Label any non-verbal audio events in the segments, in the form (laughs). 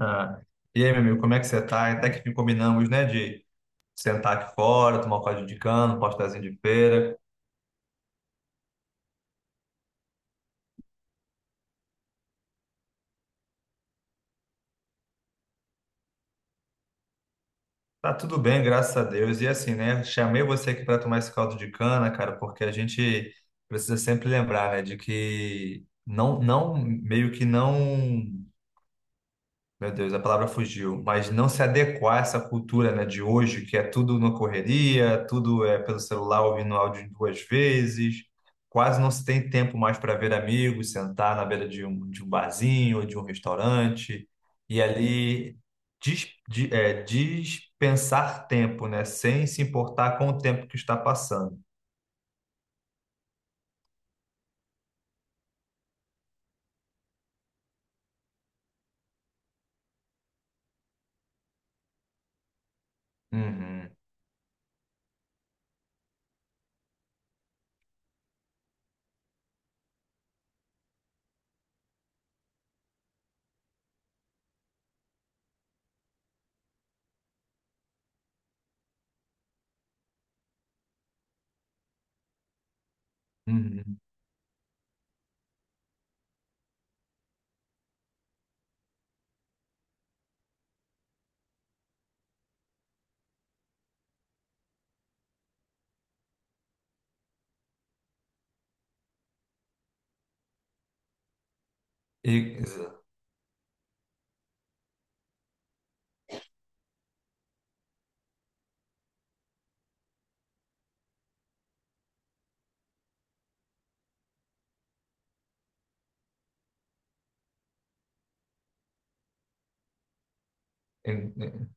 Ah, e aí, meu amigo, como é que você tá? Até que combinamos, né, de sentar aqui fora, tomar um caldinho de cana, um pastazinho de feira. Tá tudo bem, graças a Deus. E assim, né, chamei você aqui para tomar esse caldo de cana, cara, porque a gente precisa sempre lembrar, né, de que não, não, meio que não. Meu Deus, a palavra fugiu, mas não se adequar a essa cultura, né, de hoje, que é tudo na correria, tudo é pelo celular ouvindo áudio duas vezes, quase não se tem tempo mais para ver amigos, sentar na beira de um barzinho ou de um restaurante e ali dispensar tempo, né, sem se importar com o tempo que está passando. Uhum, uhum. E- exa- é,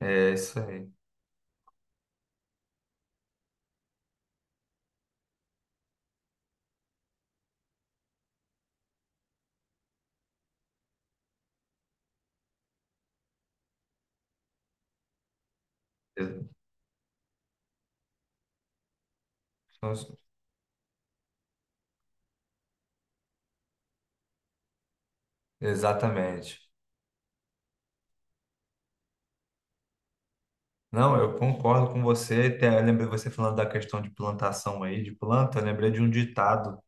é isso aí. Ex- Exatamente. Não, eu concordo com você. Até eu lembrei você falando da questão de plantação aí, de planta. Eu lembrei de um ditado.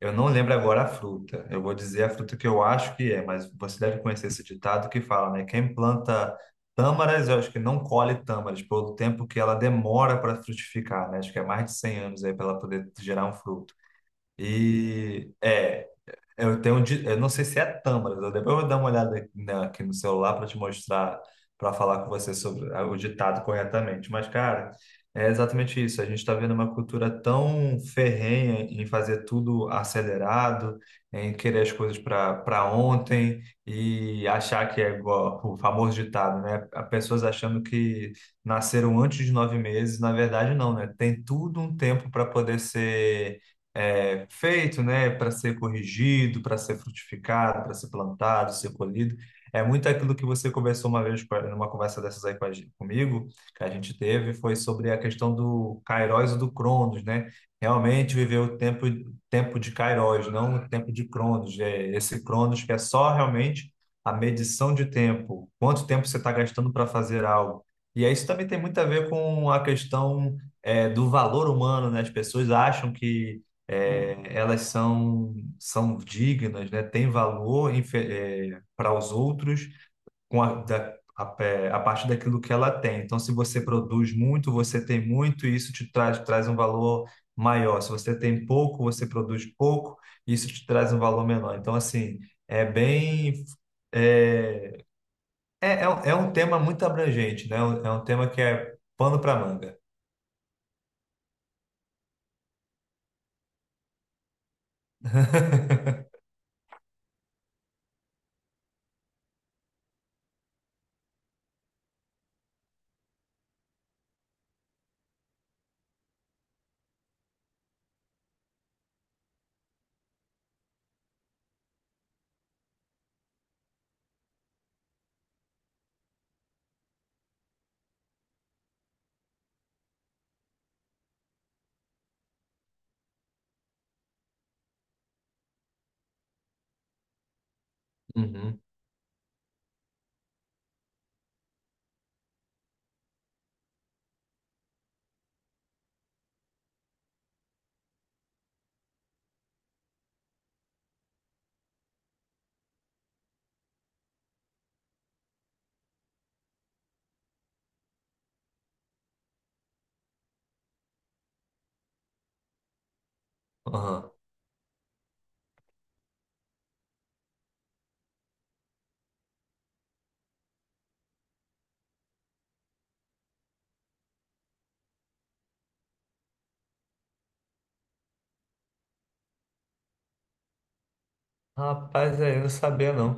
Eu não lembro agora a fruta. Eu vou dizer a fruta que eu acho que é, mas você deve conhecer esse ditado que fala, né? Quem planta tâmaras, eu acho que não colhe tâmaras, pelo tempo que ela demora para frutificar, né? Acho que é mais de 100 anos aí para ela poder gerar um fruto. E eu tenho, eu não sei se é tâmaras, eu depois eu vou dar uma olhada aqui aqui no celular para te mostrar, para falar com você sobre o ditado corretamente. Mas, cara, é exatamente isso. A gente está vendo uma cultura tão ferrenha em fazer tudo acelerado, em querer as coisas para ontem e achar que é igual o famoso ditado, né? As pessoas achando que nasceram antes de 9 meses, na verdade, não, né? Tem tudo um tempo para poder ser feito, né, para ser corrigido, para ser frutificado, para ser plantado, ser colhido. É muito aquilo que você conversou uma vez, numa conversa dessas aí comigo, que a gente teve, foi sobre a questão do Kairos e do Cronos, né? Realmente viver o tempo, de Kairos, não o tempo de Cronos. É esse Cronos que é só realmente a medição de tempo, quanto tempo você está gastando para fazer algo. E aí isso também tem muito a ver com a questão, do valor humano, né? As pessoas acham que elas são, dignas, né? Têm valor para os outros com a, da, a, é, a partir daquilo que ela tem. Então, se você produz muito, você tem muito, e isso te traz um valor maior. Se você tem pouco, você produz pouco, e isso te traz um valor menor. Então, assim, é bem. É, é um tema muito abrangente, né? É um tema que é pano para manga. (laughs) Uhum, aham. Rapaz, aí eu não sabia, não.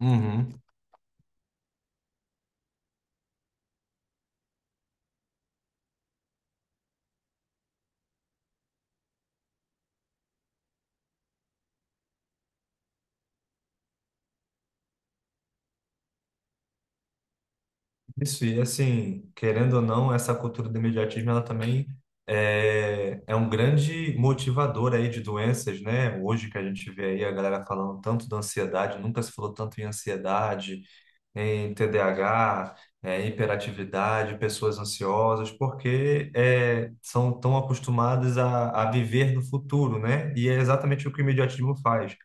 Uhum. Isso, e assim, querendo ou não, essa cultura do imediatismo, ela também é um grande motivador aí de doenças, né? Hoje que a gente vê aí a galera falando tanto da ansiedade, nunca se falou tanto em ansiedade, em TDAH, hiperatividade, pessoas ansiosas, porque são tão acostumadas a viver no futuro, né? E é exatamente o que o imediatismo faz.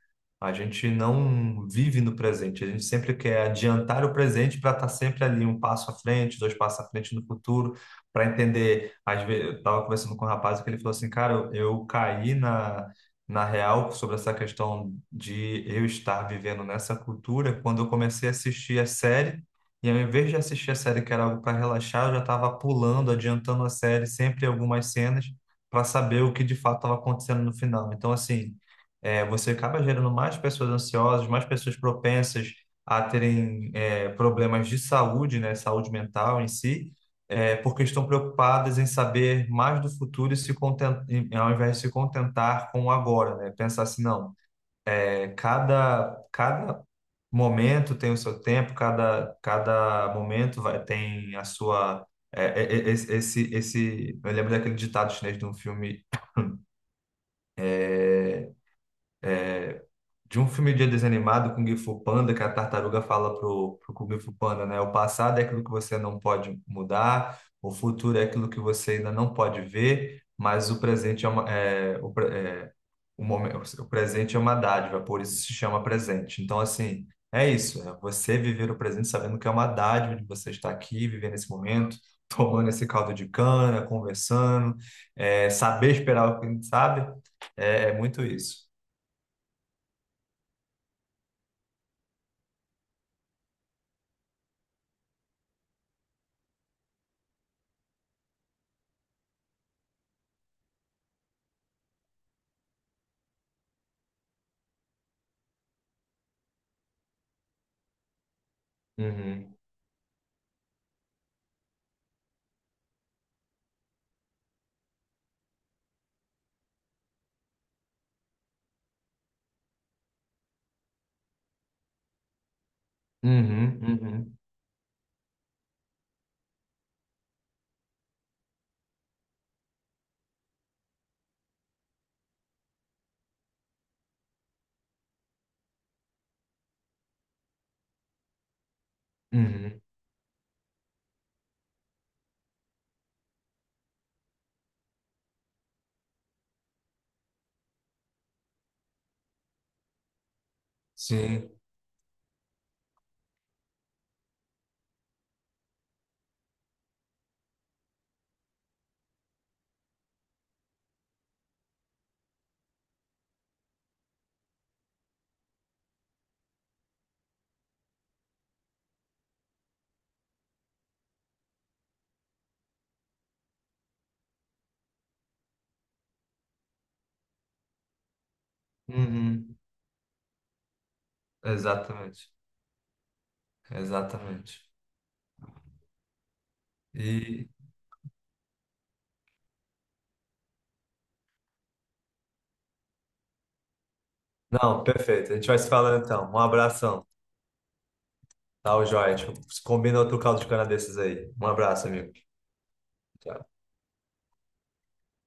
A gente não vive no presente, a gente sempre quer adiantar o presente para estar sempre ali um passo à frente, dois passos à frente no futuro, para entender. Às vezes, eu estava conversando com um rapaz que ele falou assim, cara, eu caí na real sobre essa questão de eu estar vivendo nessa cultura quando eu comecei a assistir a série. E ao invés de assistir a série, que era algo para relaxar, eu já estava pulando, adiantando a série, sempre algumas cenas, para saber o que de fato estava acontecendo no final. Então, assim, você acaba gerando mais pessoas ansiosas, mais pessoas propensas a terem problemas de saúde, né, saúde mental em si, porque estão preocupadas em saber mais do futuro e se contentar, ao invés de se contentar com o agora, né? Pensar assim, não, cada, cada, momento tem o seu tempo, cada momento vai, tem a sua... eu lembro daquele ditado chinês de um filme é, de um filme de desenho animado, Kung Fu Panda, que a tartaruga fala pro Kung Fu Panda, né? O passado é aquilo que você não pode mudar, o futuro é aquilo que você ainda não pode ver, mas o presente é uma, o momento, o presente é uma dádiva, por isso se chama presente. Então, assim, é isso, é você viver o presente sabendo que é uma dádiva de você estar aqui, vivendo esse momento, (laughs) tomando esse caldo de cana, conversando, saber esperar o que, sabe? É muito isso. Uhum. Uhum, uhum, uhum. Sim, uhum. Exatamente, exatamente. E, não, perfeito. A gente vai se falando então. Um abração. Tá, o joia. A gente combina outro caldo de cana desses aí. Um abraço, amigo. Tchau.